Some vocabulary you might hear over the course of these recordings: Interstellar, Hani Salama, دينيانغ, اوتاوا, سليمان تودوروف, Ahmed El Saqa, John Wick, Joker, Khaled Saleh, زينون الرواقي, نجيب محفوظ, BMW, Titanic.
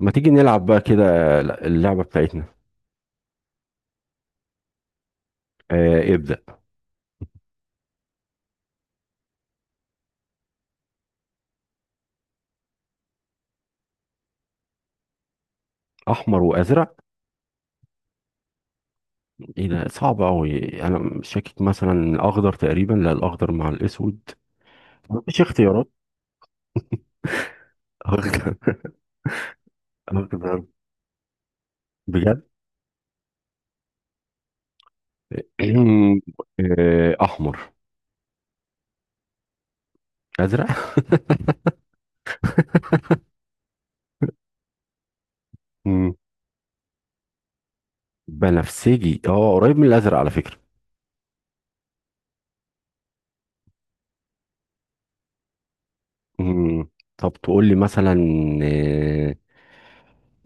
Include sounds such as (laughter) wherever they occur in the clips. ما تيجي نلعب بقى كده؟ اللعبة بتاعتنا. آه، ابدأ. أحمر وأزرق. إيه ده؟ صعب أوي. أنا مش شاكك، مثلا أخضر تقريبا. لا، الأخضر مع الأسود. مفيش اختيارات؟ (laughs) أخضر. أخضر، بجد. (clears throat) أحمر. أزرق. (laughs) مم. بنفسجي، قريب من الأزرق على فكرة. مم. طب تقول لي مثلا. آه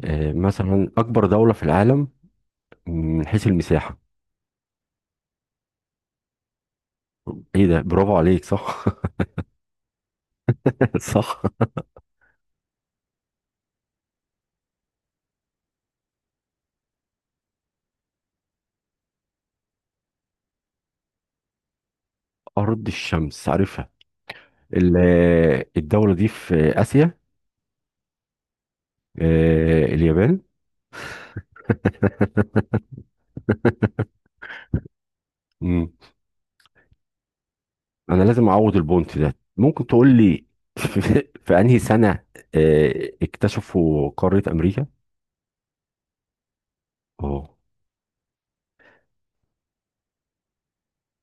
مثلا أكبر دولة في العالم من حيث المساحة. إيه ده؟ برافو عليك، صح. (laughs) صح. أرض الشمس، عارفها. ال- الدولة دي في آسيا. اليابان. (laughs) مم. أنا لازم أعوض البونت ده. ممكن تقول لي (laughs) في في أنهي سنة اكتشفوا قارة أمريكا؟ أه.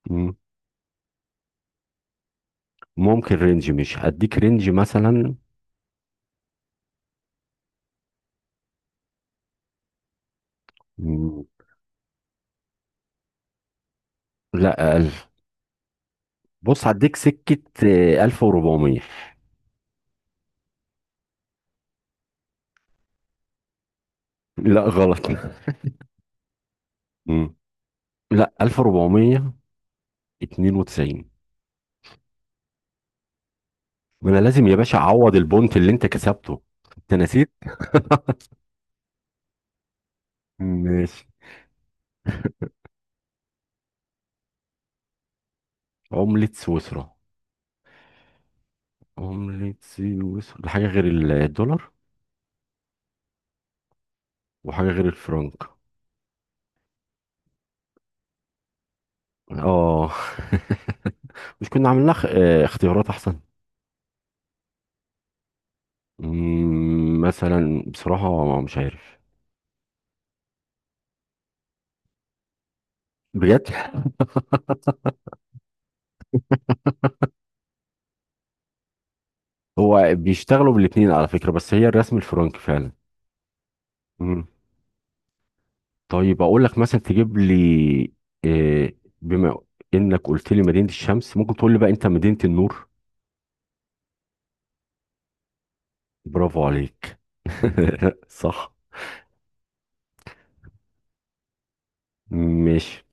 مم. ممكن رينج، مش هديك رينج مثلا. مم. لا، أقل. بص، هديك سكة. 1400. لا، غلط. (laughs) مم. لا. 1492. ما أنا لازم يا باشا أعوض البونت اللي أنت كسبته. تنسيت. ماشي. عملة سويسرا؟ عملة سويسرا حاجة غير الدولار. وحاجة غير الفرنك. اه. (laughs) مش كنا عملنا خ... آه، اختيارات احسن؟ مثلا بصراحة مش عارف. بجد. هو بيشتغلوا بالاتنين على فكرة، بس هي الرسم الفرنك فعلا. مم. طيب اقول لك مثلا تجيب لي آه، بما انك قلت لي مدينة الشمس، ممكن تقول لي بقى انت مدينة النور؟ برافو عليك. (laughs) صح. ماشي.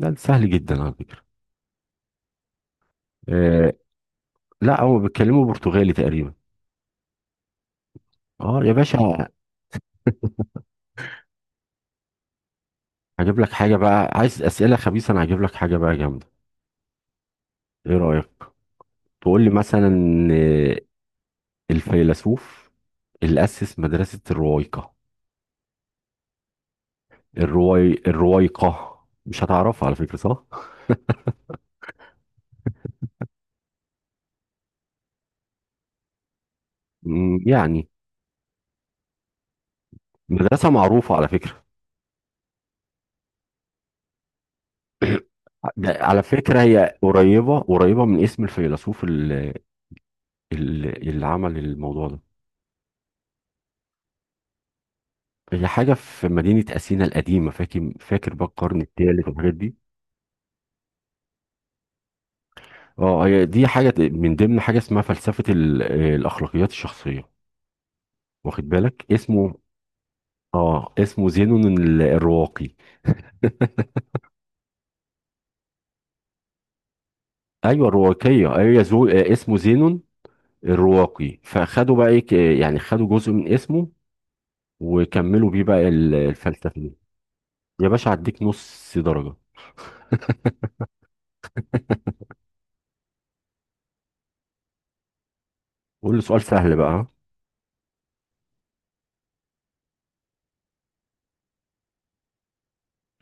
لا، ده سهل جدا على فكرة. آه لا، هو بيتكلموا برتغالي تقريبا. اه يا باشا. هجيب لك حاجة بقى، عايز أسئلة خبيثة؟ أنا هجيب لك حاجة بقى جامدة. إيه رأيك؟ تقول لي مثلا آه، الفيلسوف اللي أسس مدرسة الروايقة. الروايقة. مش هتعرفها على فكرة، صح؟ يعني مدرسة معروفة على فكرة. (coughs) (clears throat) ده على فكرة هي قريبة قريبة من اسم الفيلسوف اللي، اللي عمل الموضوع ده. هي حاجة في مدينة أثينا القديمة، فاكر فاكر بقى القرن الثالث والحاجات دي. اه، هي دي حاجة من ضمن حاجة اسمها فلسفة الأخلاقيات الشخصية. واخد بالك اسمه. اه، اسمه زينون الرواقي. أيوه الرواقية، أيوه زو... آه، اسمه زينون الرواقي. فخدوا بقى ايه يعني خدوا جزء من اسمه وكملوا بيه بقى الفلسفة دي. يا باشا هديك نص درجة. قول لي سؤال سهل بقى.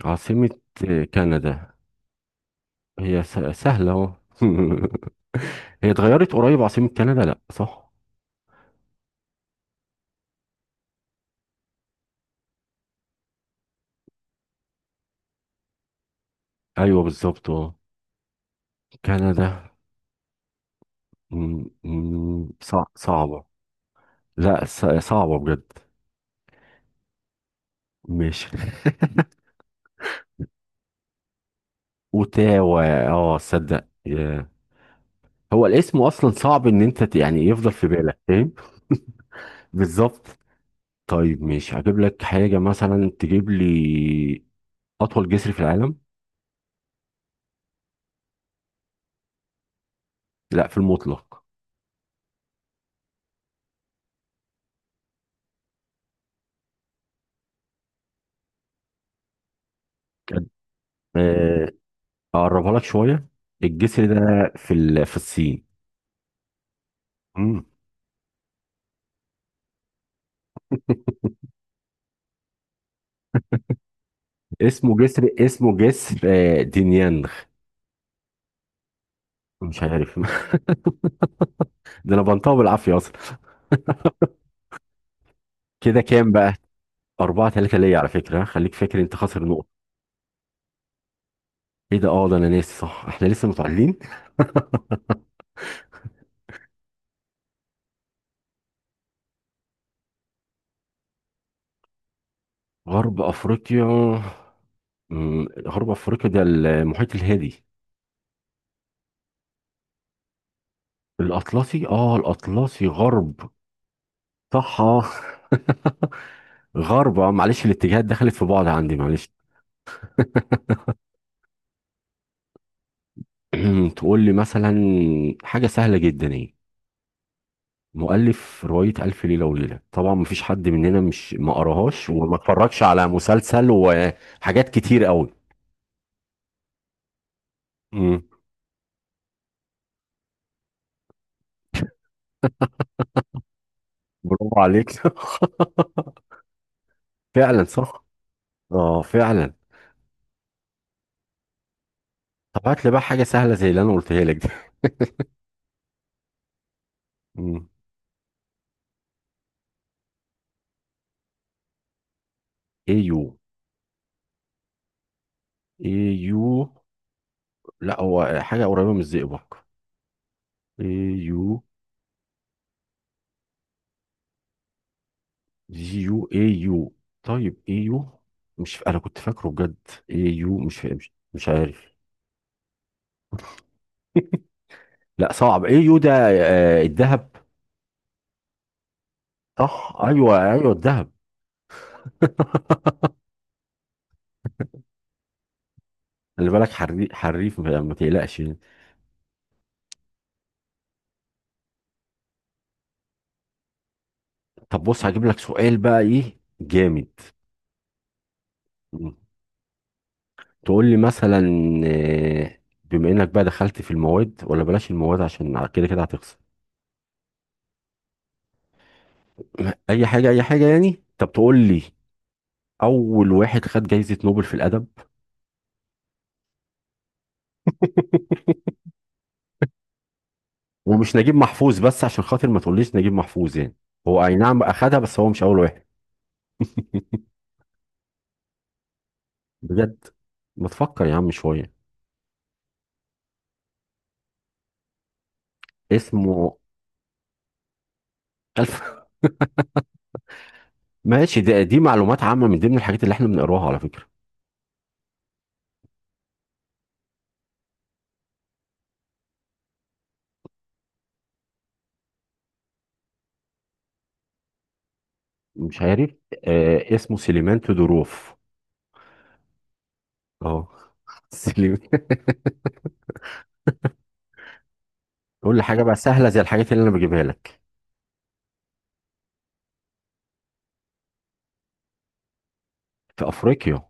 عاصمة كندا؟ هي سهلة اهو. (laughs) هي اتغيرت قريب عاصمة كندا، لا صح؟ ايوه بالظبط، اه. كندا. صعبة. لا، صعبة بجد. ماشي. اوتاوا. اه، صدق. ياه. هو الاسم اصلا صعب ان انت يعني يفضل في بالك، فاهم؟ بالظبط. طيب ماشي، هجيب لك حاجة مثلا تجيب لي اطول جسر في العالم. لا، في المطلق. كان- آه، اقربها لك شوية. الجسر ده في في الصين. مم. (laughs) اسمه جسر دينيانغ. مش عارف. (laughs) ده انا بنطقه بالعافيه اصلا. كده كام بقى؟ 4-3 ليا على فكره، خليك فاكر انت خاسر نقطه. ايه ده؟ اه، ده انا ناسي، صح احنا لسه متعادلين. غرب افريقيا؟ غرب افريقيا ده المحيط الهادي. الاطلسي، اه الاطلسي غرب. صح. آه. (laughs) غرب، معلش الاتجاهات دخلت في بعض عندي، معلش. (clears throat) تقول لي مثلا حاجه سهله جدا، ايه مؤلف رواية ألف ليلة وليلة؟ طبعا مفيش حد مننا مش ما قراهاش وما اتفرجش على مسلسل وحاجات كتير قوي. مم. برافو عليك. (laughs) فعلا صح. اه فعلا. طب هات لي بقى حاجة سهلة زي اللي أنا قلتها لك دي. مم. ايو. ايو. لا، هو حاجة قريبة من الزئبق. ايو. جيو ايو. طيب ايو. مش انا كنت فاكره بجد. ايو، مش ف... مش مش عارف. (laughs) لا صعب. ايو ده الذهب. صح، ايوه ايوه الذهب. خلي بالك، حريف، ما تقلقش يعني. طب بص، هجيب لك سؤال بقى ايه جامد. مم. تقول لي مثلا بما انك بقى دخلت في المواد، ولا بلاش المواد عشان كده كده هتخسر. اي حاجه اي حاجه يعني، طب تقول لي اول واحد خد جايزه نوبل في الادب. (laughs) ومش نجيب محفوظ، بس عشان خاطر ما تقوليش نجيب محفوظ يعني. هو اي نعم اخدها، بس هو مش اول واحد. (laughs) بجد. ما تفكر يا عم شويه. اسمه (laughs) ألف. ماشي، ده دي معلومات عامة من ضمن الحاجات اللي احنا بنقراها على فكرة. مش عارف. اسمه سليمان تودوروف. اه. (laughs) سليمان. قول لي حاجة بقى سهلة زي الحاجات اللي انا بجيبها لك. في افريقيا؟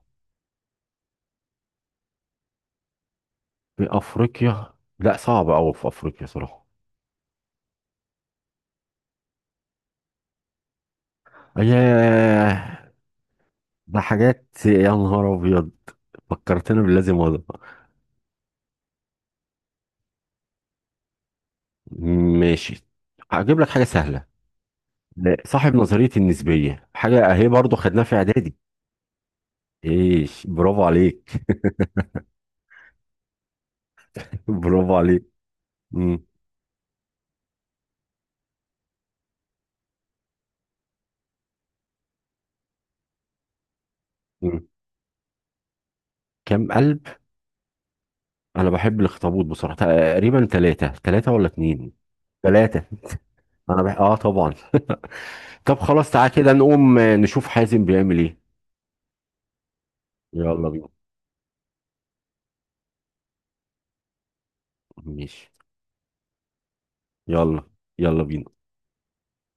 في افريقيا. لا، صعب قوي في افريقيا صراحة. ياه. ده حاجات، يا نهار ابيض. فكرتنا بالذي مضى. ماشي، هجيب لك حاجة سهلة. لا، صاحب نظرية النسبية، حاجة اهي برضو خدناها في اعدادي. ايش، برافو عليك. (laughs) برافو عليك. مم. مم. كام قلب؟ انا بحب الاخطبوط بصراحه، تقريبا ثلاثه، ثلاثه ولا اتنين. ثلاثه. انا بح... اه طبعا. (laughs) طب خلاص تعالى كده نقوم نشوف حازم بيعمل ايه. يلا بينا. ماشي يلا. يلا بينا.